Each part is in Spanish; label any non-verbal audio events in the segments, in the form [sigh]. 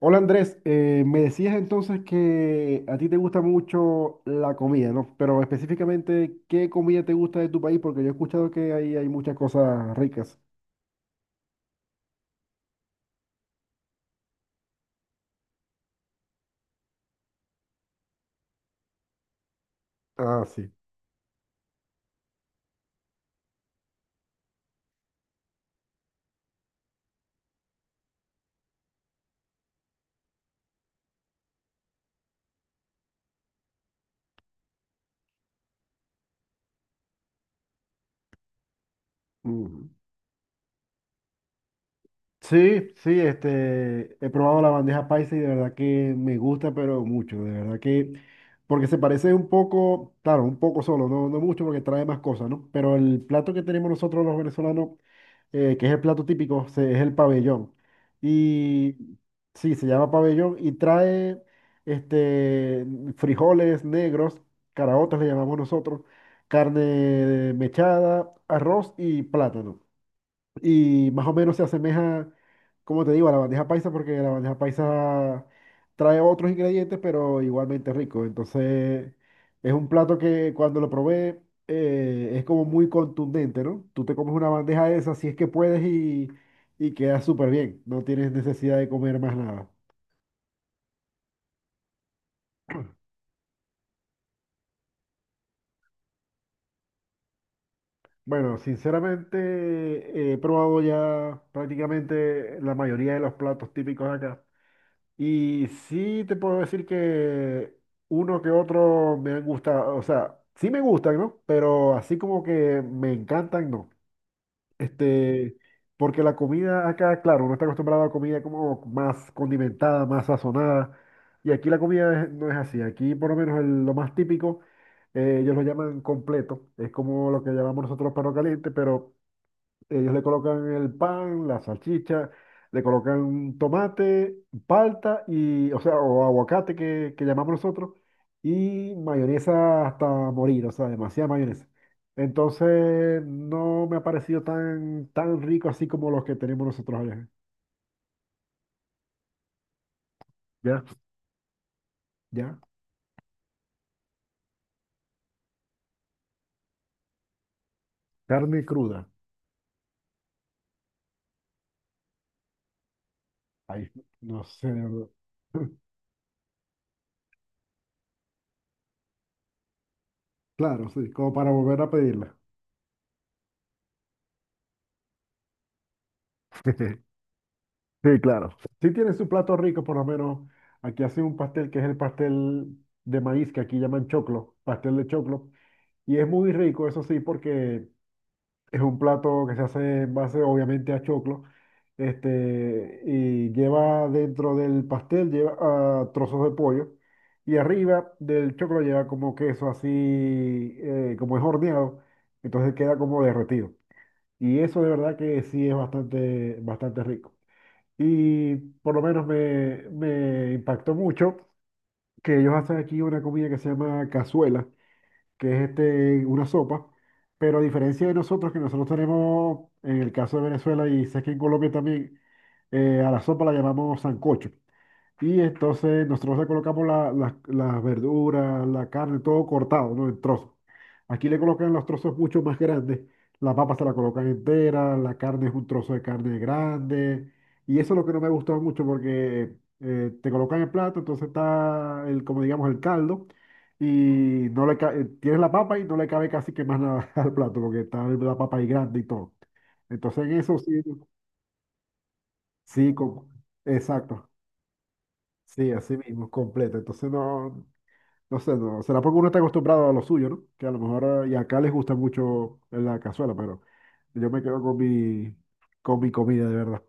Hola Andrés, me decías entonces que a ti te gusta mucho la comida, ¿no? Pero específicamente, ¿qué comida te gusta de tu país? Porque yo he escuchado que ahí hay muchas cosas ricas. Ah, sí. Sí, sí, he probado la bandeja paisa y de verdad que me gusta, pero mucho, de verdad que, porque se parece un poco, claro, un poco solo, no, no mucho porque trae más cosas, ¿no? Pero el plato que tenemos nosotros los venezolanos, que es el plato típico, es el pabellón. Y sí, se llama pabellón y trae, este, frijoles negros, caraotas le llamamos nosotros, carne mechada, arroz y plátano y más o menos se asemeja, como te digo, a la bandeja paisa porque la bandeja paisa trae otros ingredientes, pero igualmente rico. Entonces, es un plato que cuando lo probé es como muy contundente, ¿no? Tú te comes una bandeja de esas si es que puedes y queda súper bien. No tienes necesidad de comer más nada. Bueno, sinceramente he probado ya prácticamente la mayoría de los platos típicos de acá. Y sí te puedo decir que uno que otro me han gustado, o sea, sí me gustan, ¿no? Pero así como que me encantan, no. Este, Porque la comida acá, claro, uno está acostumbrado a comida como más condimentada, más sazonada, y aquí la comida no es así. Aquí por lo menos lo más típico, ellos lo llaman completo, es como lo que llamamos nosotros perro caliente, pero ellos le colocan el pan, la salchicha, le colocan tomate, palta y, o sea, o aguacate que llamamos nosotros, y mayonesa hasta morir, o sea, demasiada mayonesa. Entonces, no me ha parecido tan, tan rico así como los que tenemos nosotros allá. Ya, ya. Carne cruda. Ahí, no sé de verdad. [laughs] Claro, sí, como para volver a pedirla. [laughs] Sí, claro. Sí tiene su plato rico, por lo menos. Aquí hacen un pastel que es el pastel de maíz, que aquí llaman choclo, pastel de choclo. Y es muy rico, eso sí, porque es un plato que se hace en base, obviamente, a choclo. Y lleva dentro del pastel, lleva trozos de pollo. Y arriba del choclo lleva como queso así, como es horneado. Entonces queda como derretido. Y eso de verdad que sí es bastante, bastante rico. Y por lo menos me impactó mucho que ellos hacen aquí una comida que se llama cazuela, que es una sopa, pero a diferencia de nosotros, que nosotros tenemos, en el caso de Venezuela y sé que en Colombia también, a la sopa la llamamos sancocho. Y entonces nosotros le colocamos las verduras, la carne, todo cortado, ¿no? En trozos. Aquí le colocan los trozos mucho más grandes. La papa se la colocan entera, la carne es un trozo de carne grande. Y eso es lo que no me ha gustado mucho porque te colocan el plato, entonces está el, como digamos, el caldo y no le ca- tienes la papa y no le cabe casi que más nada [laughs] al plato, porque está la papa ahí grande y todo. Entonces en eso sí, sí, exacto, sí, así mismo, completo. Entonces no, no sé, no, será porque uno está acostumbrado a lo suyo, ¿no? Que a lo mejor, y acá les gusta mucho la cazuela, pero yo me quedo con mi comida, de verdad.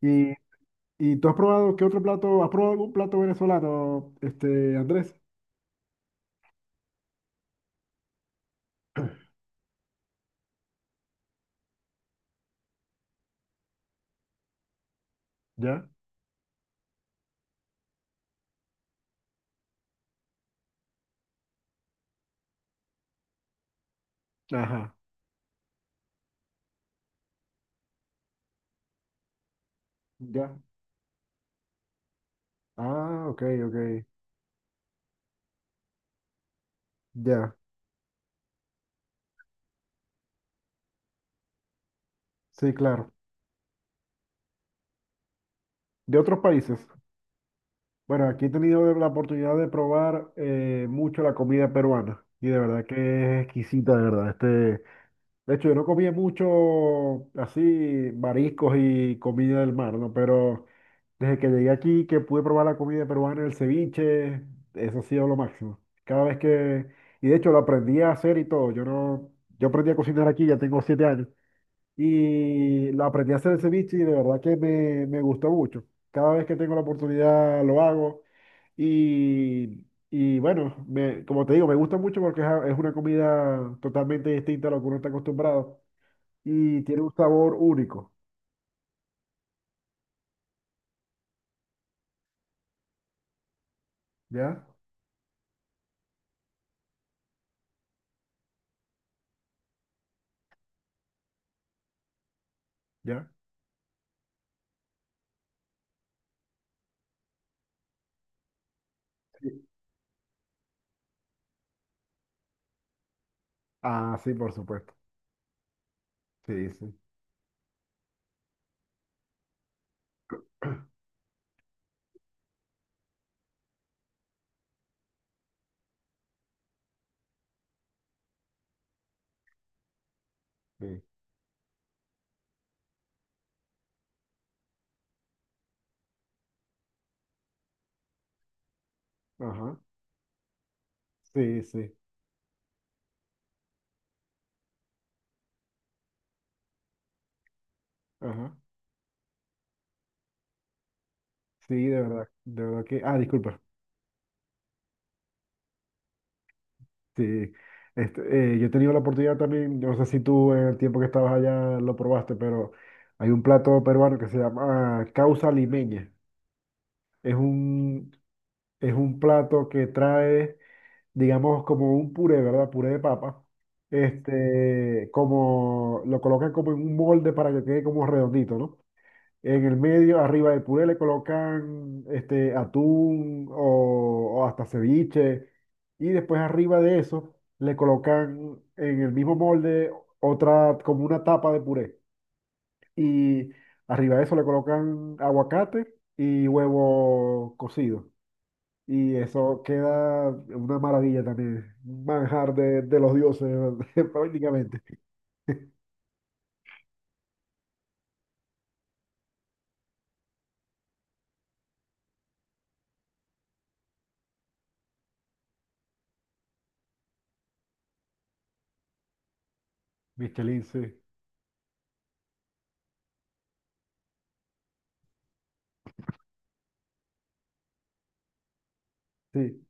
¿Y, y tú has probado qué otro plato? ¿Has probado algún plato venezolano, Andrés? ¿Ya? Ajá. ¿Ya? Ah, ok, ok. Ya, sí, claro. De otros países. Bueno, aquí he tenido la oportunidad de probar mucho la comida peruana y de verdad que es exquisita, de verdad. De hecho, yo no comía mucho así mariscos y comida del mar, ¿no? Pero desde que llegué aquí, que pude probar la comida peruana, el ceviche, eso ha sido lo máximo. Y de hecho lo aprendí a hacer y todo. Yo no, yo aprendí a cocinar aquí, ya tengo 7 años. Y lo aprendí a hacer el ceviche y de verdad que me gusta mucho. Cada vez que tengo la oportunidad lo hago y, y bueno, como te digo, me gusta mucho porque es una comida totalmente distinta a lo que uno está acostumbrado y tiene un sabor único, ¿ya? ¿Ya? Sí. Ah, sí, por supuesto. Sí, sí. [clears throat] Sí. Ajá. Sí, sí. Ajá. Sí, de verdad. De verdad que. Ah, disculpa. Sí, yo he tenido la oportunidad también, yo no sé si tú en el tiempo que estabas allá lo probaste, pero hay un plato peruano que se llama causa limeña. Es un, es un plato que trae, digamos, como un puré, ¿verdad? Puré de papa. Como lo colocan como en un molde para que quede como redondito, ¿no? En el medio, arriba del puré, le colocan atún o hasta ceviche. Y después arriba de eso, le colocan en el mismo molde otra, como una tapa de puré. Y arriba de eso le colocan aguacate y huevo cocido. Y eso queda una maravilla también. Un manjar de los dioses, [laughs] prácticamente. Michelin, sí. Sí,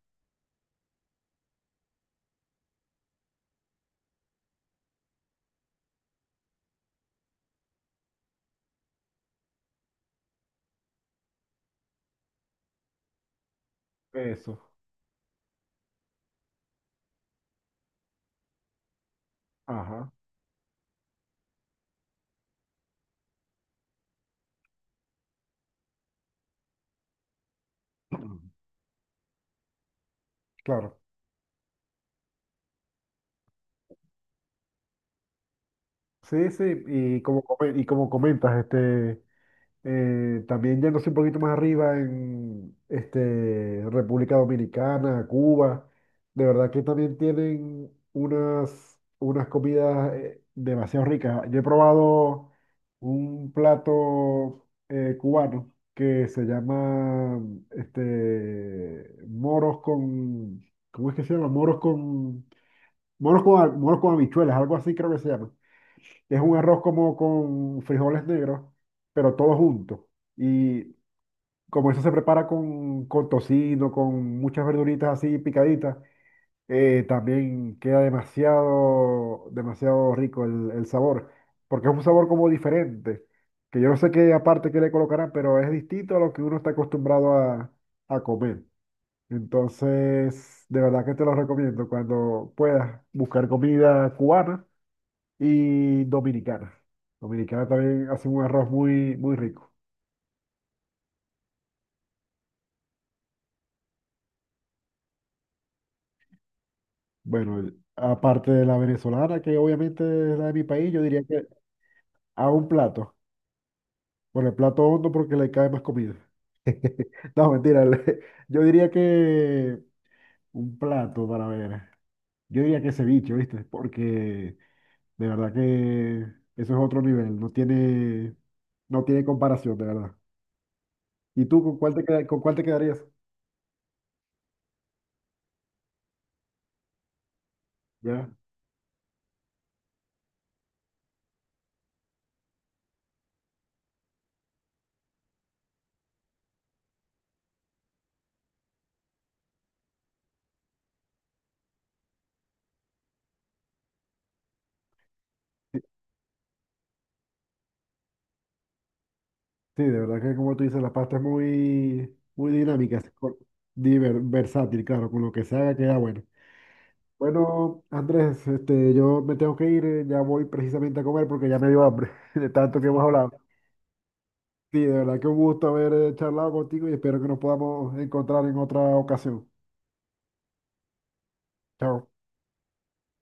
eso. Ajá. [clears throat] Claro. Sí, sí, y y como comentas, también yéndose un poquito más arriba en República Dominicana, Cuba, de verdad que también tienen unas comidas demasiado ricas. Yo he probado un plato cubano que se llama moros con, ¿cómo es que se llama? Moros con habichuelas, algo así creo que se llama. Es un arroz como con frijoles negros, pero todo junto. Y como eso se prepara con tocino, con muchas verduritas así picaditas, también queda demasiado, demasiado rico el sabor, porque es un sabor como diferente, que yo no sé qué aparte que le colocarán, pero es distinto a lo que uno está acostumbrado a comer. Entonces, de verdad que te lo recomiendo. Cuando puedas buscar comida cubana y dominicana. Dominicana también hace un arroz muy, muy rico. Bueno, aparte de la venezolana, que obviamente es la de mi país, yo diría que a un plato, por el plato hondo porque le cae más comida. [laughs] No, mentira, yo diría que un plato para ver. Yo diría que ceviche, ¿viste? Porque de verdad que eso es otro nivel, no tiene, no tiene comparación, de verdad. ¿Y tú con con cuál te quedarías? ¿Ya? Sí, de verdad que como tú dices, la pasta es muy, muy dinámica, es versátil, claro, con lo que se haga queda bueno. Bueno, Andrés, yo me tengo que ir, ya voy precisamente a comer porque ya me dio hambre [laughs] de tanto que hemos hablado. Sí, de verdad que un gusto haber charlado contigo y espero que nos podamos encontrar en otra ocasión. Chao.